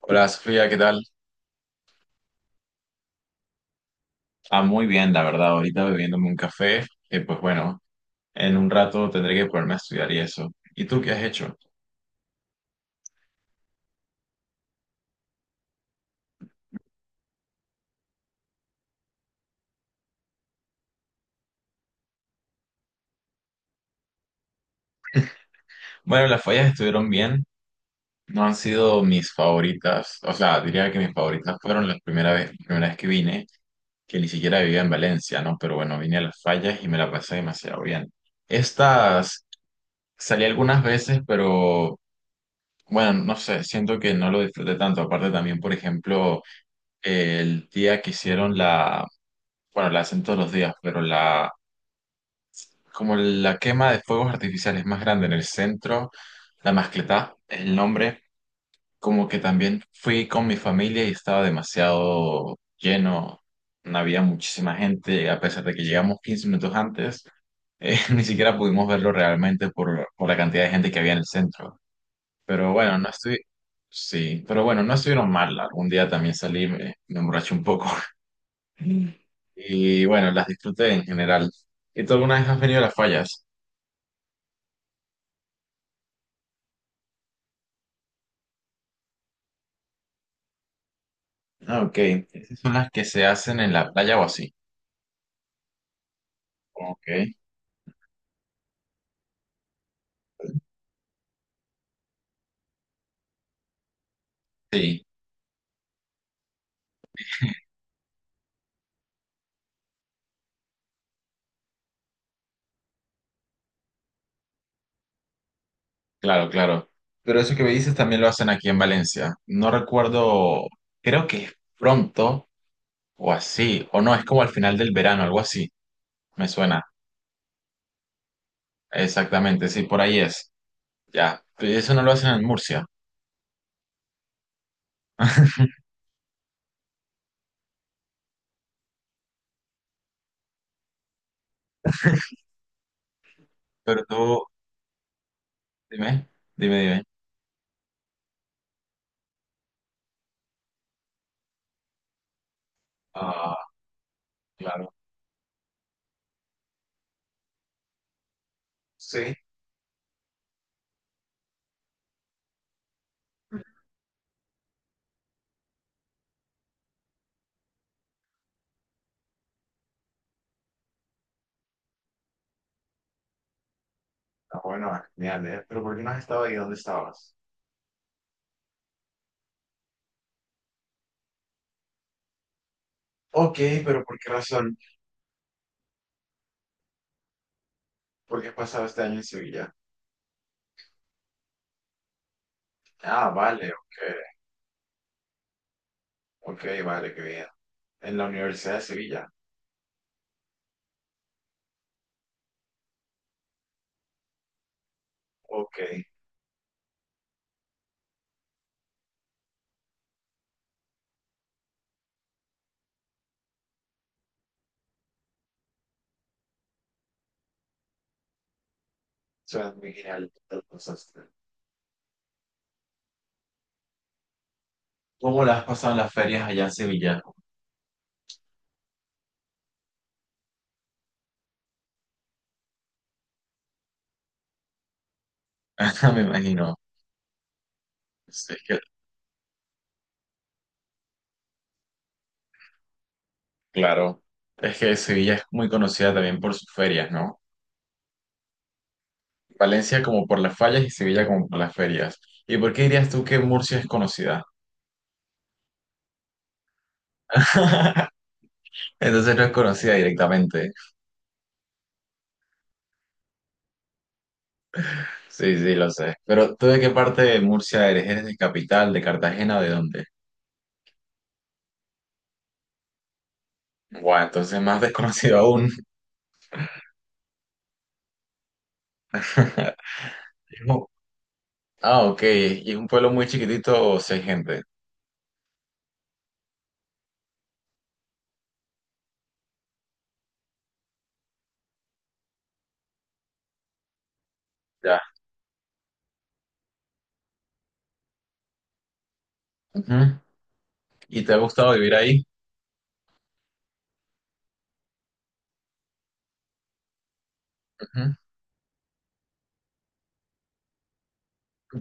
Hola Sofía, ¿qué tal? Ah, muy bien, la verdad, ahorita bebiéndome un café, que pues bueno, en un rato tendré que ponerme a estudiar y eso. ¿Y tú qué has hecho? Bueno, las fallas estuvieron bien, no han sido mis favoritas, o sea, diría que mis favoritas fueron la primera vez que vine, que ni siquiera vivía en Valencia, ¿no? Pero bueno, vine a las fallas y me la pasé demasiado bien. Estas salí algunas veces, pero bueno, no sé, siento que no lo disfruté tanto. Aparte también, por ejemplo, el día que hicieron la Bueno, la hacen todos los días, pero la, como la quema de fuegos artificiales más grande en el centro, la Mascletá es el nombre, como que también fui con mi familia y estaba demasiado lleno, no había muchísima gente, a pesar de que llegamos 15 minutos antes, ni siquiera pudimos verlo realmente por la cantidad de gente que había en el centro. Pero bueno, no estoy, sí, pero bueno, no estuvieron mal, algún día también salí, me emborraché un poco. Mm. Y bueno, las disfruté en general. ¿Y tú alguna vez has venido a las fallas? Ah, ok. Esas son las que se hacen en la playa o así. Ok. Sí, claro, claro. Pero eso que me dices también lo hacen aquí en Valencia. No recuerdo, creo que es pronto o así, o no, es como al final del verano, algo así. Me suena. Exactamente, sí, por ahí es. Ya. Pero eso no lo hacen en Murcia. Pero tú, dime, dime, dime. Ah, claro. Sí. Ah, bueno, genial, ¿eh? Pero ¿por qué no has estado ahí? ¿Dónde estabas? Ok, pero ¿por qué razón? ¿Por qué has pasado este año en Sevilla? Ah, vale, ok. Ok, vale, qué bien. En la Universidad de Sevilla. Ok, suena muy genial. ¿Qué tal pasaste? ¿Cómo la has pasado en las ferias allá en Sevilla? Me imagino. Es que, claro, es que Sevilla es muy conocida también por sus ferias, ¿no? Valencia como por las fallas y Sevilla como por las ferias. ¿Y por qué dirías tú que Murcia es conocida? Entonces no es conocida directamente. Sí, sí, lo sé. Pero ¿tú de qué parte de Murcia eres? ¿Eres de capital, de Cartagena, de dónde? Guau, entonces más desconocido aún. No. Ah, ok. Y es un pueblo muy chiquitito, seis gente. Ya. Ujú. ¿Y te ha gustado vivir ahí? Ujú.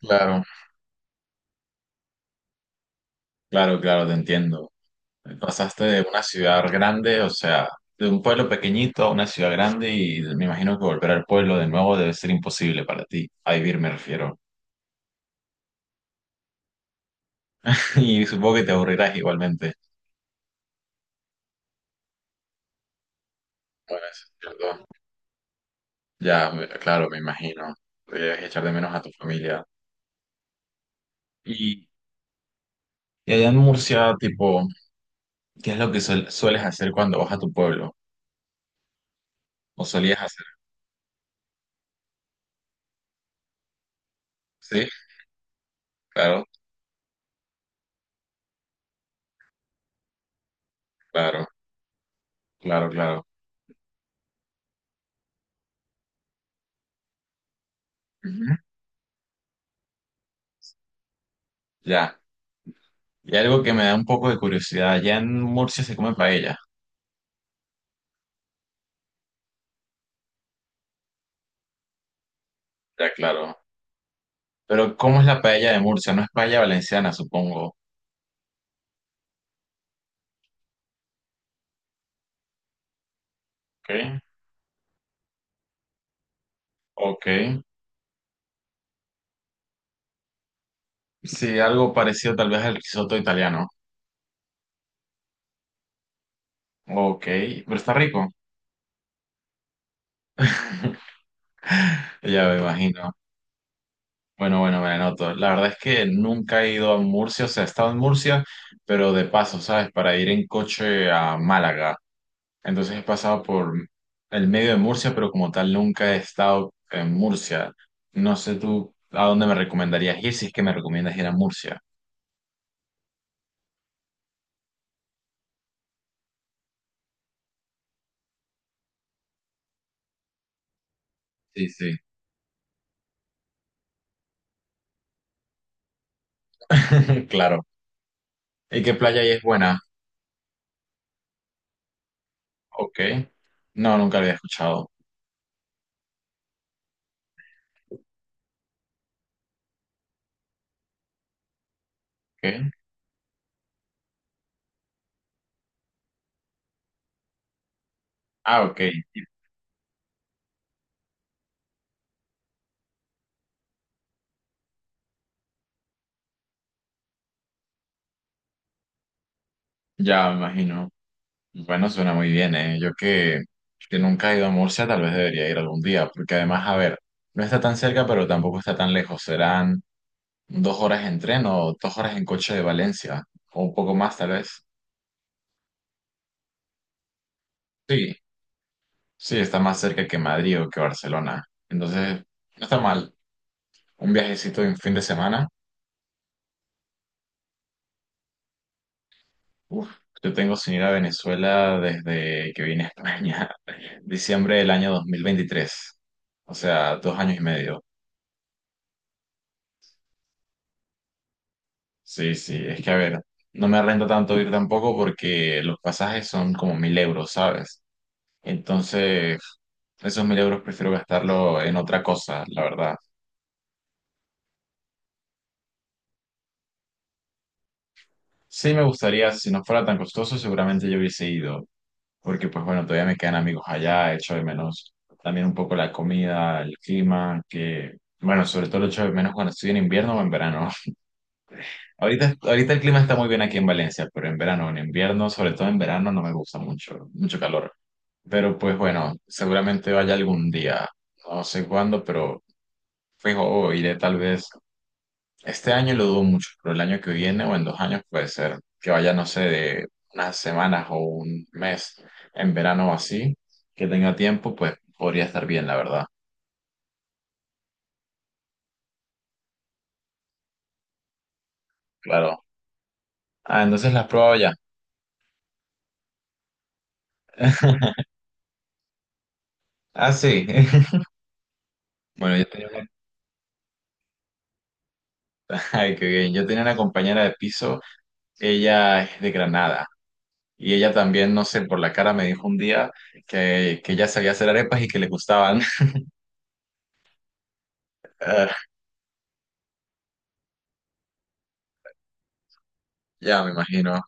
Claro, claro, claro, te entiendo. Pasaste de una ciudad grande, o sea, de un pueblo pequeñito a una ciudad grande y me imagino que volver al pueblo de nuevo debe ser imposible para ti. A vivir me refiero. Y supongo que te aburrirás igualmente. Bueno, eso es cierto. Ya, claro, me imagino. Debes echar de menos a tu familia. Y, y allá en Murcia, tipo, ¿qué es lo que sueles hacer cuando vas a tu pueblo? ¿O solías hacer? Sí, claro, claro, claro, claro. Ujú. Ya. Y algo que me da un poco de curiosidad, allá en Murcia se come paella. Ya, claro. Pero ¿cómo es la paella de Murcia? No es paella valenciana, supongo. Ok, ok. Sí, algo parecido tal vez al risotto italiano. Ok, pero está rico. Ya me imagino. Bueno, bueno, me anoto. La verdad es que nunca he ido a Murcia, o sea, he estado en Murcia, pero de paso, ¿sabes? Para ir en coche a Málaga. Entonces he pasado por el medio de Murcia, pero como tal nunca he estado en Murcia. No sé tú a dónde me recomendarías ir, si es que me recomiendas ir a Murcia. Sí, sí. Claro. ¿Y qué playa ahí es buena? Ok. No, nunca la había escuchado. Ok. Ah, ok. Ya me imagino. Bueno, suena muy bien, ¿eh? Yo que nunca he ido a Murcia, tal vez debería ir algún día, porque además, a ver, no está tan cerca, pero tampoco está tan lejos. Serán 2 horas en tren o 2 horas en coche de Valencia, o un poco más, tal vez. Sí, sí, está más cerca que Madrid o que Barcelona. Entonces, no está mal. Un viajecito en fin de semana. Uf, yo tengo sin ir a Venezuela desde que vine a España, diciembre del año 2023. O sea, 2 años y medio. Sí, sí, es que a ver, no me renta tanto ir tampoco porque los pasajes son como 1.000 euros, ¿sabes? Entonces, esos 1.000 euros prefiero gastarlo en otra cosa, la verdad. Sí me gustaría, si no fuera tan costoso, seguramente yo hubiese ido, porque pues bueno, todavía me quedan amigos allá, echo de menos también un poco la comida, el clima, que bueno, sobre todo lo echo de menos cuando estoy en invierno o en verano. Ahorita, ahorita el clima está muy bien aquí en Valencia, pero en verano, en invierno, sobre todo en verano, no me gusta mucho, mucho calor. Pero pues bueno, seguramente vaya algún día, no sé cuándo, pero fijo, o iré tal vez. Este año lo dudo mucho, pero el año que viene o en 2 años puede ser que vaya, no sé, de unas semanas o un mes en verano o así, que tenga tiempo, pues podría estar bien, la verdad. Claro. Ah, entonces las pruebo ya. Ah, sí. Bueno, yo tenía Ay, qué bien. Yo tenía una compañera de piso, ella es de Granada y ella también, no sé, por la cara me dijo un día que ella sabía hacer arepas y que le gustaban. Ah, ya me imagino.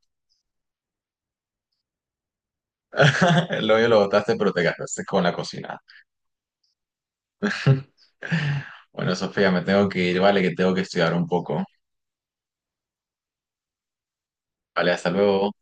El hoyo lo botaste, pero te gastaste con la cocina. Bueno, Sofía, me tengo que ir, vale, que tengo que estudiar un poco. Vale, hasta luego.